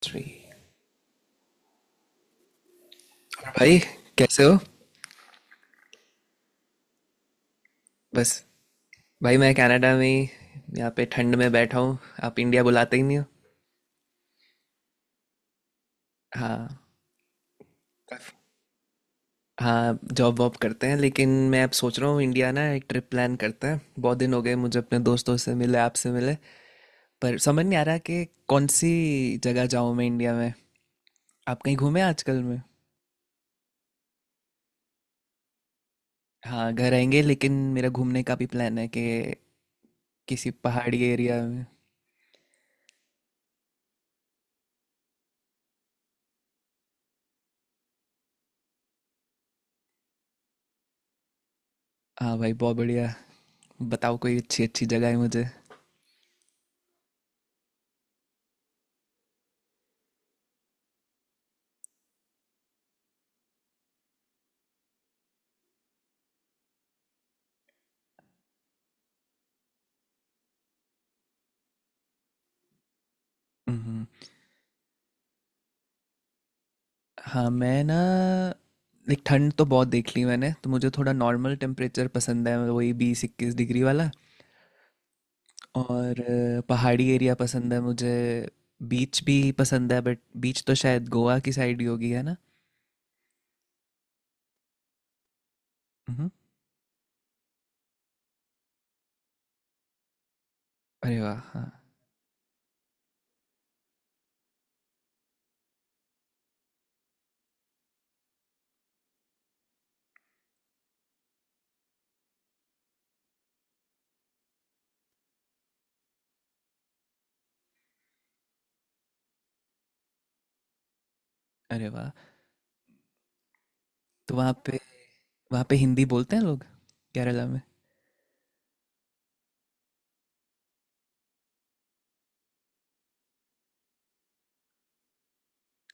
Three. और भाई कैसे हो। बस भाई मैं कनाडा में ही यहाँ पे ठंड में बैठा हूँ। आप इंडिया बुलाते ही नहीं हो। हाँ। काफ- हाँ, जॉब वॉब करते हैं लेकिन मैं अब सोच रहा हूँ इंडिया ना एक ट्रिप प्लान करते हैं। बहुत दिन हो गए मुझे अपने दोस्तों से मिले, आपसे मिले। पर समझ नहीं आ रहा कि कौन सी जगह जाऊँ मैं इंडिया में। आप कहीं घूमे आजकल में? हाँ, घर आएंगे लेकिन मेरा घूमने का भी प्लान है कि किसी पहाड़ी एरिया में। हाँ भाई, बहुत बढ़िया। बताओ कोई अच्छी अच्छी जगह है मुझे। हम्म। हाँ, मैं ना लाइक ठंड तो बहुत देख ली मैंने, तो मुझे थोड़ा नॉर्मल टेम्परेचर पसंद है, वही 20-21 डिग्री वाला। और पहाड़ी एरिया पसंद है मुझे। बीच भी पसंद है बट बीच तो शायद गोवा की साइड ही होगी, है ना। मम्हम। अरे वाह, हाँ। अरे वाह, तो वहाँ पे हिंदी बोलते हैं लोग केरला में?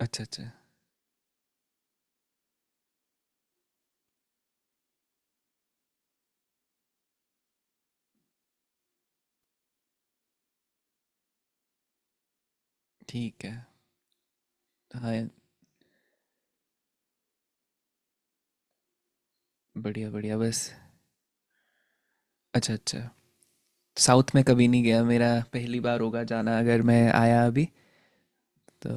अच्छा अच्छा। ठीक है। हाँ, बढ़िया बढ़िया बस। अच्छा अच्छा, साउथ में कभी नहीं गया। मेरा पहली बार होगा जाना अगर मैं आया अभी तो।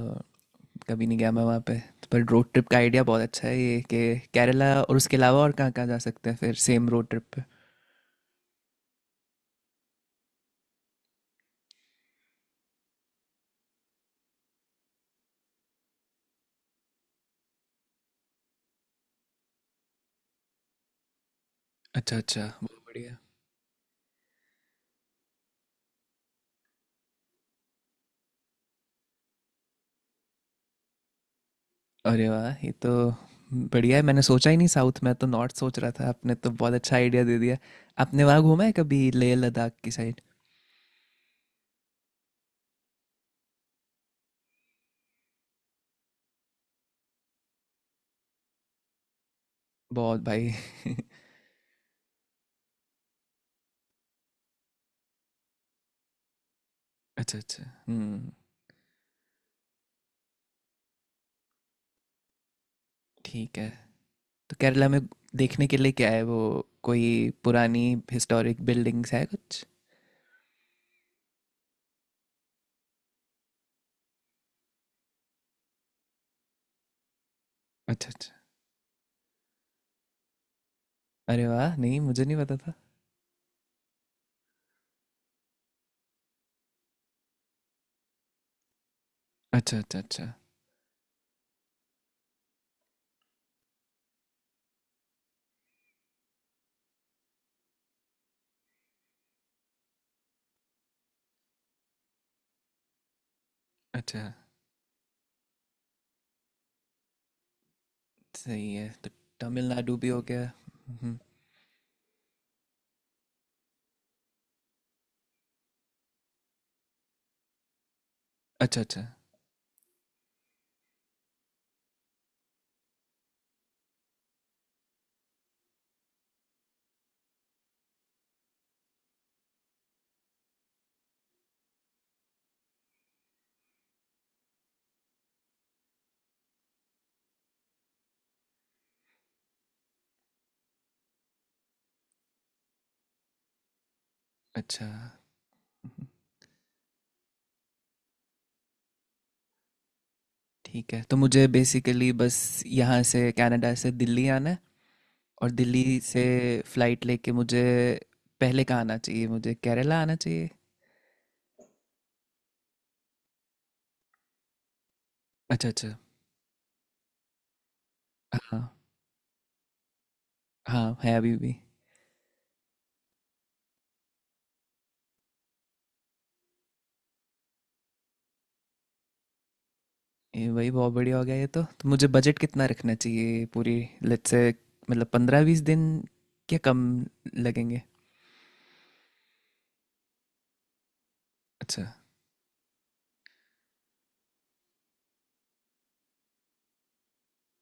कभी नहीं गया मैं वहाँ पे। पर रोड ट्रिप का आइडिया बहुत अच्छा है, ये कि केरला और उसके अलावा और कहाँ कहाँ जा सकते हैं फिर सेम रोड ट्रिप पे। अच्छा अच्छा, बहुत बढ़िया। अरे वाह ये तो बढ़िया है। मैंने सोचा ही नहीं साउथ में, तो नॉर्थ सोच रहा था। आपने तो बहुत अच्छा आइडिया दे दिया। आपने वहाँ घूमा है कभी लेह लद्दाख की साइड? बहुत भाई। अच्छा अच्छा। हम्म। ठीक है। तो केरला में देखने के लिए क्या है, वो कोई पुरानी हिस्टोरिक बिल्डिंग्स है कुछ? अच्छा अच्छा। अरे वाह, नहीं मुझे नहीं पता था। अच्छा अच्छा अच्छा। अच्छा, सही है। तो तमिलनाडु भी हो गया। हम्म। अच्छा अच्छा अच्छा। ठीक है तो मुझे बेसिकली बस यहाँ से, कनाडा से दिल्ली आना है, और दिल्ली से फ्लाइट लेके मुझे पहले कहाँ आना चाहिए, मुझे केरला आना चाहिए? अच्छा अच्छा। हाँ। हाँ है अभी भी। ये भाई बहुत बढ़िया हो गया ये तो। तो मुझे बजट कितना रखना चाहिए पूरी, लेट्स से मतलब 15-20 दिन क्या कम लगेंगे? अच्छा।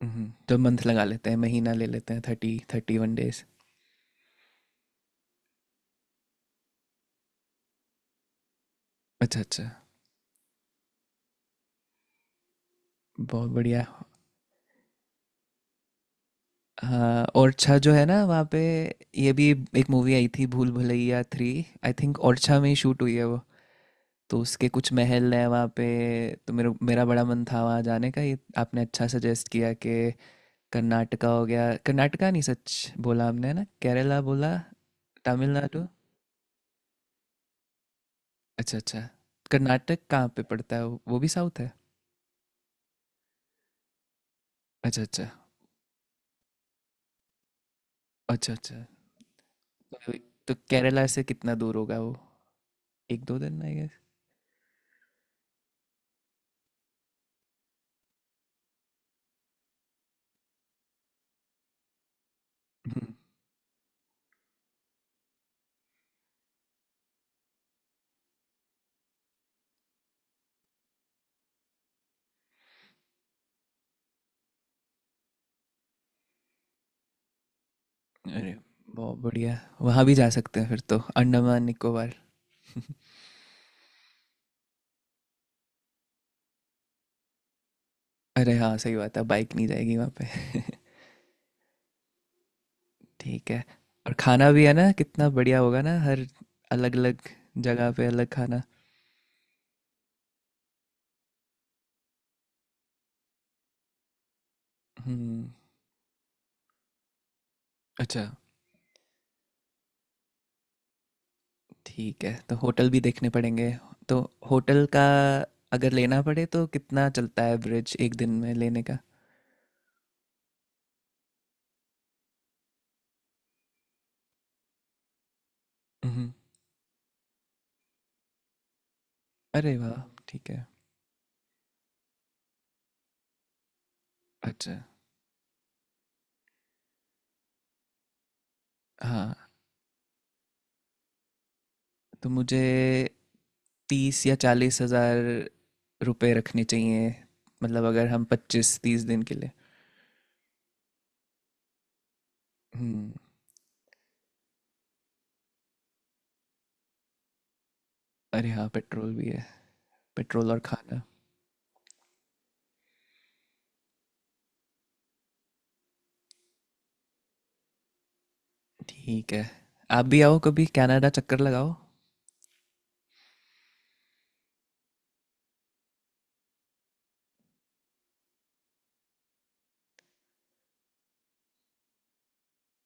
हम्म, तो मंथ लगा लेते हैं, महीना ले लेते हैं, 30-31। अच्छा अच्छा, बहुत बढ़िया। हाँ, ओरछा जो है ना वहाँ पे ये भी एक मूवी आई थी, भूल भुलैया 3, आई थिंक ओरछा में ही शूट हुई है वो। तो उसके कुछ महल हैं वहाँ पे। तो मेरा मेरा बड़ा मन था वहाँ जाने का। ये आपने अच्छा सजेस्ट किया कि कर्नाटका हो गया, कर्नाटका नहीं सच बोला हमने, है ना, केरला बोला, तमिलनाडु। अच्छा अच्छा। कर्नाटक कहाँ पे पड़ता है वो भी साउथ है? अच्छा अच्छा अच्छा। अच्छा तो, तो केरला से कितना दूर होगा वो, 1-2 दिन आई गेस? अरे बहुत बढ़िया, वहाँ भी जा सकते हैं फिर तो, अंडमान निकोबार। अरे हाँ सही बात है, बाइक नहीं जाएगी वहाँ पे। ठीक है। और खाना भी है ना, कितना बढ़िया होगा ना हर अलग अलग जगह पे अलग खाना। हम्म। अच्छा। ठीक है, तो होटल भी देखने पड़ेंगे। तो होटल का अगर लेना पड़े तो कितना चलता है एवरेज एक दिन में लेने का? हम्म। अरे वाह। ठीक है। अच्छा। हाँ, तो मुझे 30 या 40 हज़ार रुपए रखने चाहिए, मतलब अगर हम 25-30 दिन के लिए। हम्म। अरे हाँ, पेट्रोल भी है। पेट्रोल और खाना। ठीक है। आप भी आओ कभी, कनाडा चक्कर लगाओ।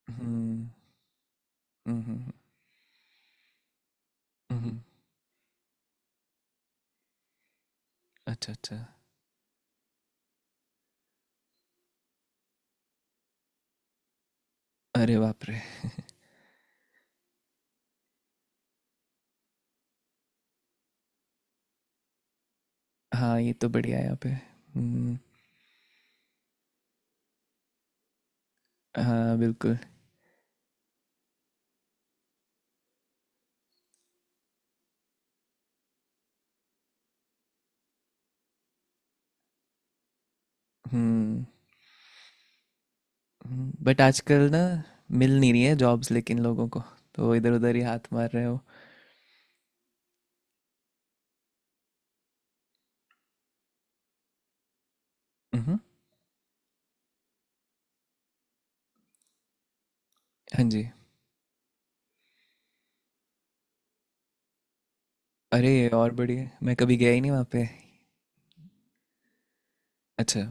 हम्म। हम्म हम्म, हम्म, हम्म। अच्छा अच्छा। अरे बाप रे। हाँ ये तो बढ़िया है यहाँ पे। हम्म। हाँ बिल्कुल। हम्म। बट आजकल ना मिल नहीं रही है जॉब्स लेकिन लोगों को। तो इधर उधर ही हाथ मार रहे हो। हम्म। हाँ जी। अरे और बढ़िया, मैं कभी गया ही नहीं वहाँ पे। अच्छा।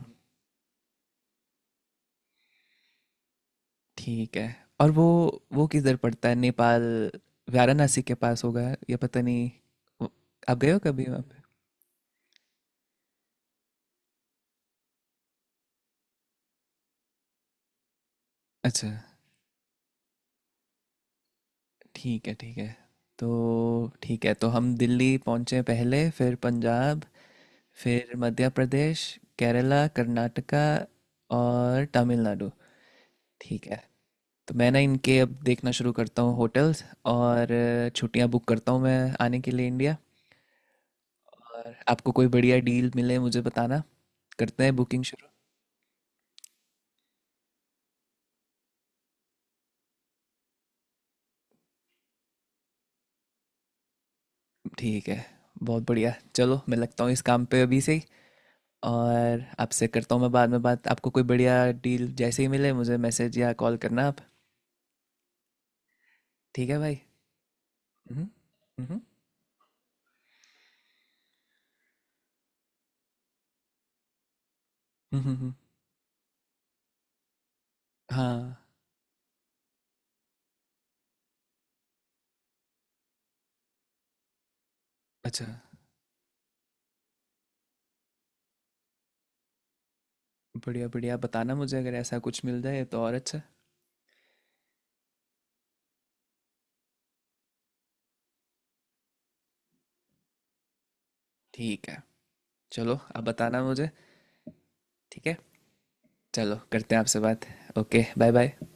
ठीक है। और वो किधर पड़ता है नेपाल, वाराणसी के पास होगा या पता नहीं। वो- आप गए हो कभी वहाँ पे? अच्छा। ठीक है ठीक है। तो ठीक है, तो हम दिल्ली पहुँचे पहले, फिर पंजाब, फिर मध्य प्रदेश, केरला, कर्नाटका और तमिलनाडु। ठीक है। तो मैं ना इनके अब देखना शुरू करता हूँ होटल्स, और छुट्टियाँ बुक करता हूँ मैं आने के लिए इंडिया। और आपको कोई बढ़िया डील मिले मुझे बताना, करते हैं बुकिंग। ठीक है। बहुत बढ़िया, चलो मैं लगता हूँ इस काम पे अभी से ही। और आपसे करता हूँ मैं बाद में बात। आपको कोई बढ़िया डील जैसे ही मिले मुझे मैसेज या कॉल करना आप। ठीक है भाई। हम्म हम्म हम्म हम्म, हम्म। हाँ। अच्छा। बढ़िया बढ़िया, बताना मुझे अगर ऐसा कुछ मिल जाए तो और अच्छा। ठीक है। चलो, आप बताना मुझे। ठीक है, चलो करते हैं आपसे बात। Okay, bye bye.